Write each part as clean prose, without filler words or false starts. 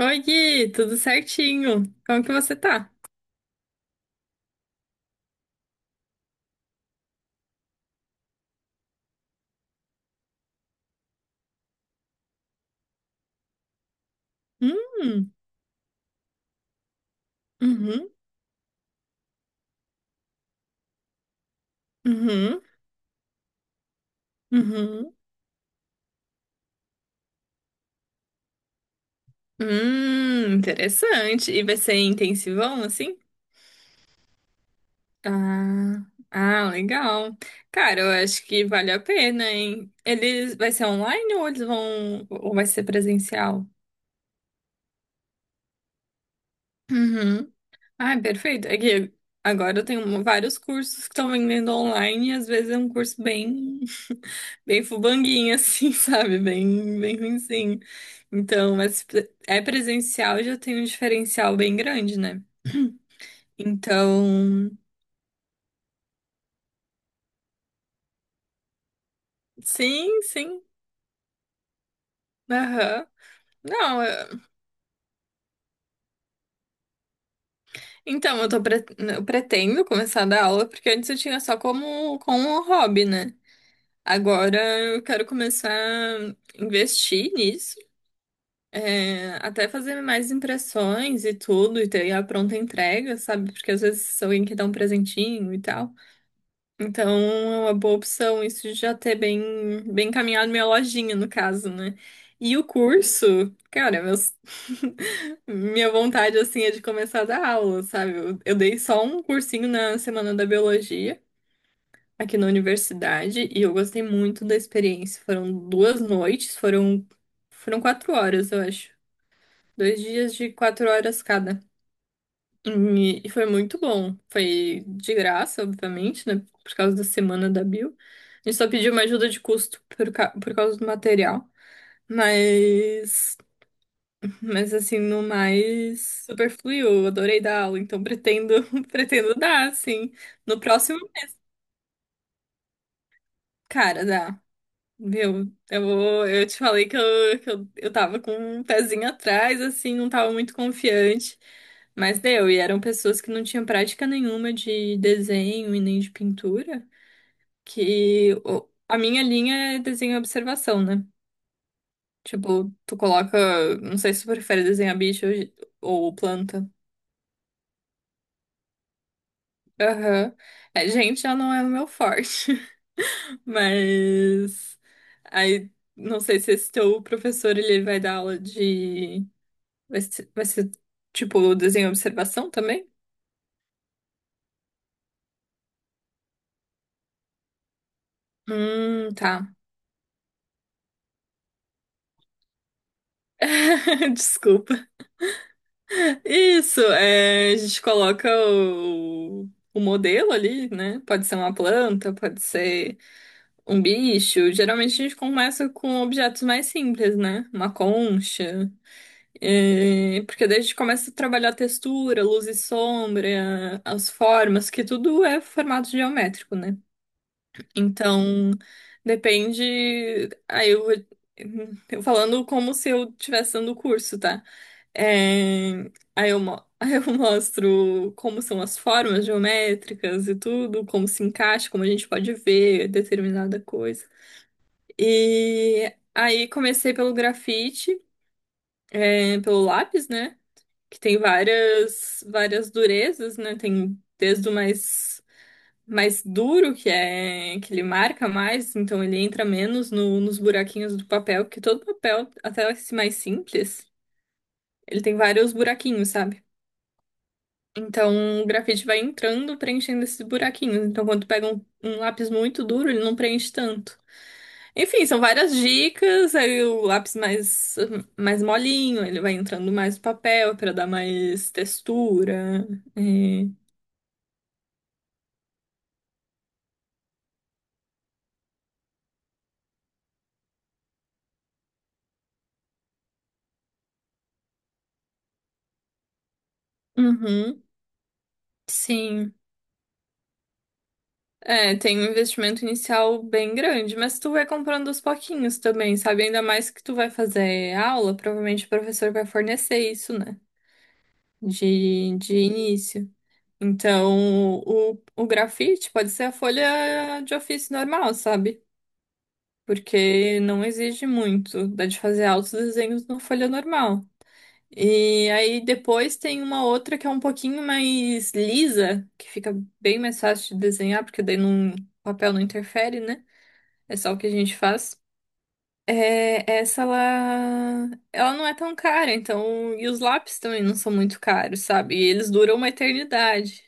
Oi, Gui, tudo certinho? Como que você tá? Hum, uhum, uhum, uhum. Interessante. E vai ser intensivão, assim? Ah, ah, legal. Cara, eu acho que vale a pena, hein? Vai ser online ou ou vai ser presencial? Uhum. Ai, perfeito. É que agora eu tenho vários cursos que estão vendendo online e às vezes é um curso bem, bem fubanguinho, assim, sabe? Bem, bem ruinzinho. Então, mas é presencial já tem um diferencial bem grande, né? Então, sim, sim. Aham. Não, então eu pretendo começar a dar aula porque antes eu tinha só como um hobby, né? Agora eu quero começar a investir nisso. É, até fazer mais impressões e tudo, e ter a pronta entrega, sabe? Porque às vezes alguém quer dar um presentinho e tal. Então é uma boa opção isso de já ter bem, bem encaminhado minha lojinha, no caso, né? E o curso, cara, minha vontade assim é de começar a dar aula, sabe? Eu dei só um cursinho na Semana da Biologia. Aqui na universidade, e eu gostei muito da experiência. Foram 2 noites, foram 4 horas, eu acho. 2 dias de 4 horas cada. E foi muito bom. Foi de graça, obviamente, né? Por causa da semana da Bio. A gente só pediu uma ajuda de custo por causa do material. Mas, mas assim, no mais, super fluiu. Eu adorei dar aula, então pretendo, pretendo dar, assim. No próximo, cara, dá. Meu, eu te falei que eu tava com um pezinho atrás, assim, não tava muito confiante, mas deu. E eram pessoas que não tinham prática nenhuma de desenho e nem de pintura, que a minha linha é desenho e observação, né? Tipo, tu coloca, não sei se tu prefere desenhar bicho ou planta. Aham. É, gente, já não é o meu forte, mas aí não sei se esse teu professor ele vai dar aula de Vai ser tipo o desenho observação também? Tá. Desculpa. Isso, é, a gente coloca o modelo ali, né? Pode ser uma planta, pode ser um bicho. Geralmente a gente começa com objetos mais simples, né? Uma concha. É, porque daí a gente começa a trabalhar a textura, luz e sombra, as formas, que tudo é formato geométrico, né? Então, depende. Aí eu falando como se eu estivesse dando o curso, tá? É, aí eu mostro como são as formas geométricas e tudo, como se encaixa, como a gente pode ver determinada coisa. E aí comecei pelo grafite, é, pelo lápis, né? Que tem várias várias durezas, né? Tem desde o mais duro, que é que ele marca mais, então ele entra menos nos buraquinhos do papel, porque todo papel, até esse mais simples, ele tem vários buraquinhos, sabe? Então o grafite vai entrando, preenchendo esses buraquinhos. Então quando tu pega um lápis muito duro, ele não preenche tanto. Enfim, são várias dicas. Aí o lápis mais molinho, ele vai entrando mais no papel para dar mais textura. É. Uhum, sim. É, tem um investimento inicial bem grande, mas tu vai comprando aos pouquinhos também, sabe? Ainda mais que tu vai fazer aula, provavelmente o professor vai fornecer isso, né? De início. Então, o grafite pode ser a folha de ofício normal, sabe? Porque não exige muito, dá de fazer altos desenhos na folha normal. E aí depois tem uma outra que é um pouquinho mais lisa, que fica bem mais fácil de desenhar, porque daí não, o papel não interfere, né? É só o que a gente faz. É, essa ela, ela não é tão cara, então, e os lápis também não são muito caros, sabe? E eles duram uma eternidade.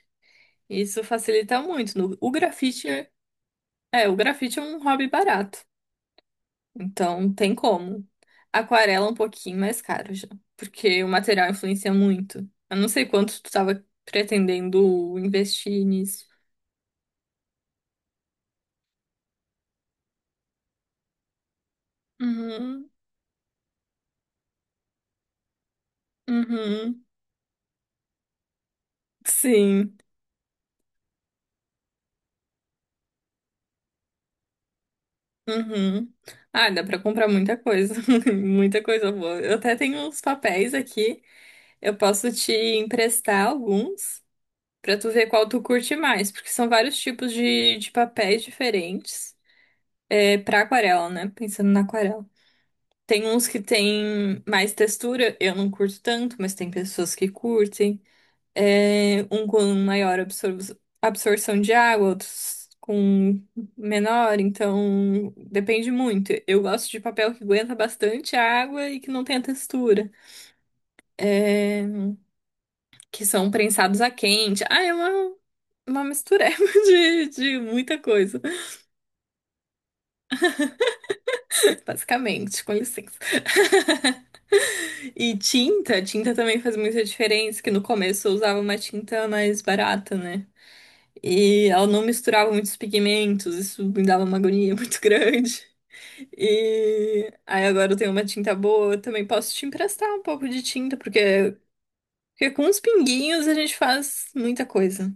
Isso facilita muito. O grafite é um hobby barato. Então, tem como. Aquarela é um pouquinho mais caro já, porque o material influencia muito. Eu não sei quanto tu tava pretendendo investir nisso. Uhum, uhum, sim, uhum. Ah, dá pra comprar muita coisa, muita coisa boa. Eu até tenho uns papéis aqui, eu posso te emprestar alguns pra tu ver qual tu curte mais, porque são vários tipos de papéis diferentes, é, pra aquarela, né? Pensando na aquarela. Tem uns que tem mais textura, eu não curto tanto, mas tem pessoas que curtem. É, um com maior absorção de água, outros com menor, então depende muito. Eu gosto de papel que aguenta bastante água e que não tem textura. É, que são prensados a quente. Ah, é uma mistureba de muita coisa. Basicamente, com licença. E tinta, tinta também faz muita diferença, que no começo eu usava uma tinta mais barata, né? E ela não misturava muitos pigmentos, isso me dava uma agonia muito grande. E aí agora eu tenho uma tinta boa, eu também posso te emprestar um pouco de tinta, porque, porque com os pinguinhos a gente faz muita coisa.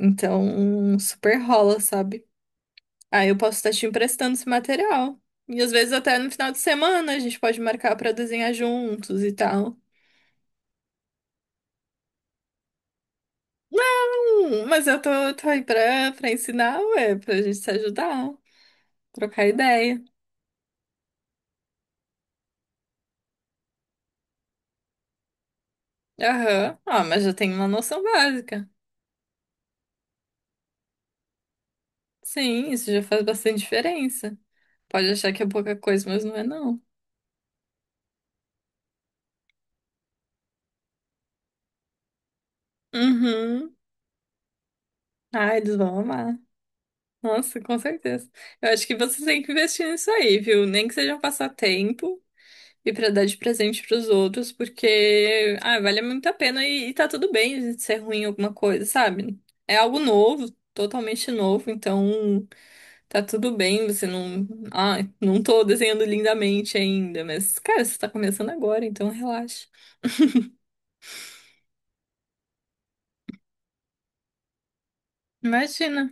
Então, super rola, sabe? Ah, eu posso estar te emprestando esse material. E às vezes até no final de semana a gente pode marcar pra desenhar juntos e tal. Mas eu tô aí pra ensinar, ué, pra gente se ajudar, trocar ideia. Aham. Ah, mas já tem uma noção básica. Sim, isso já faz bastante diferença. Pode achar que é pouca coisa, mas não é não. Uhum. Ah, eles vão amar. Nossa, com certeza. Eu acho que vocês têm que investir nisso aí, viu? Nem que seja um passatempo. E pra dar de presente pros outros, porque, ah, vale muito a pena e tá tudo bem a gente ser ruim em alguma coisa, sabe? É algo novo, totalmente novo, então tá tudo bem, você não, ah, não tô desenhando lindamente ainda, mas, cara, você tá começando agora, então relaxa. Imagina.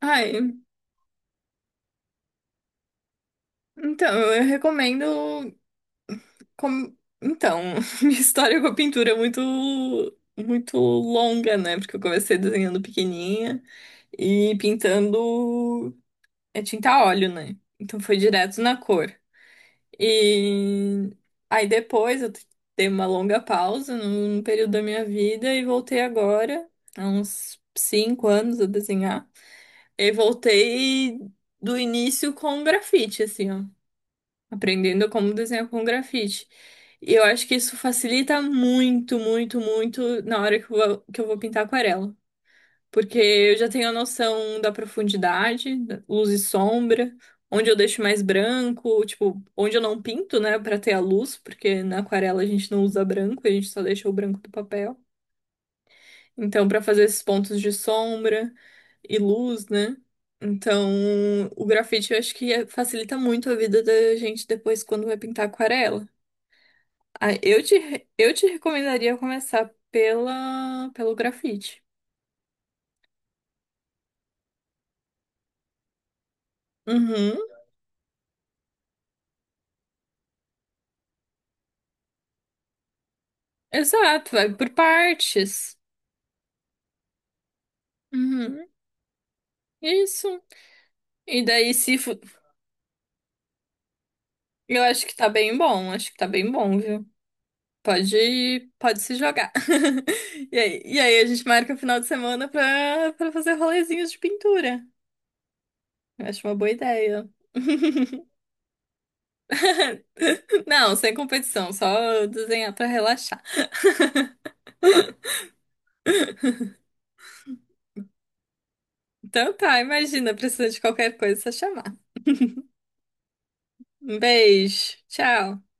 Ai, então, eu recomendo. Com- Então, minha história com a pintura é muito, muito longa, né? Porque eu comecei desenhando pequenininha e pintando é tinta a óleo, né? Então foi direto na cor. E aí depois eu dei uma longa pausa num período da minha vida e voltei agora, há uns 5 anos a desenhar. E voltei do início com grafite, assim, ó, aprendendo como desenhar com grafite. E eu acho que isso facilita muito, muito, muito na hora que eu vou pintar aquarela. Porque eu já tenho a noção da profundidade, da luz e sombra, onde eu deixo mais branco, tipo, onde eu não pinto, né, para ter a luz, porque na aquarela a gente não usa branco, a gente só deixa o branco do papel. Então, para fazer esses pontos de sombra e luz, né? Então, o grafite eu acho que facilita muito a vida da gente depois quando vai pintar aquarela. Ah, eu te recomendaria começar pela, pelo grafite. Uhum. Exato, vai por partes. Uhum. Isso. E daí, se. Fo- eu acho que tá bem bom, acho que tá bem bom, viu? Pode se jogar. E aí a gente marca o final de semana pra fazer rolezinhos de pintura. Eu acho uma boa ideia. Não, sem competição, só desenhar pra relaxar. Então tá, imagina, precisa de qualquer coisa, é só chamar. Um beijo. Tchau.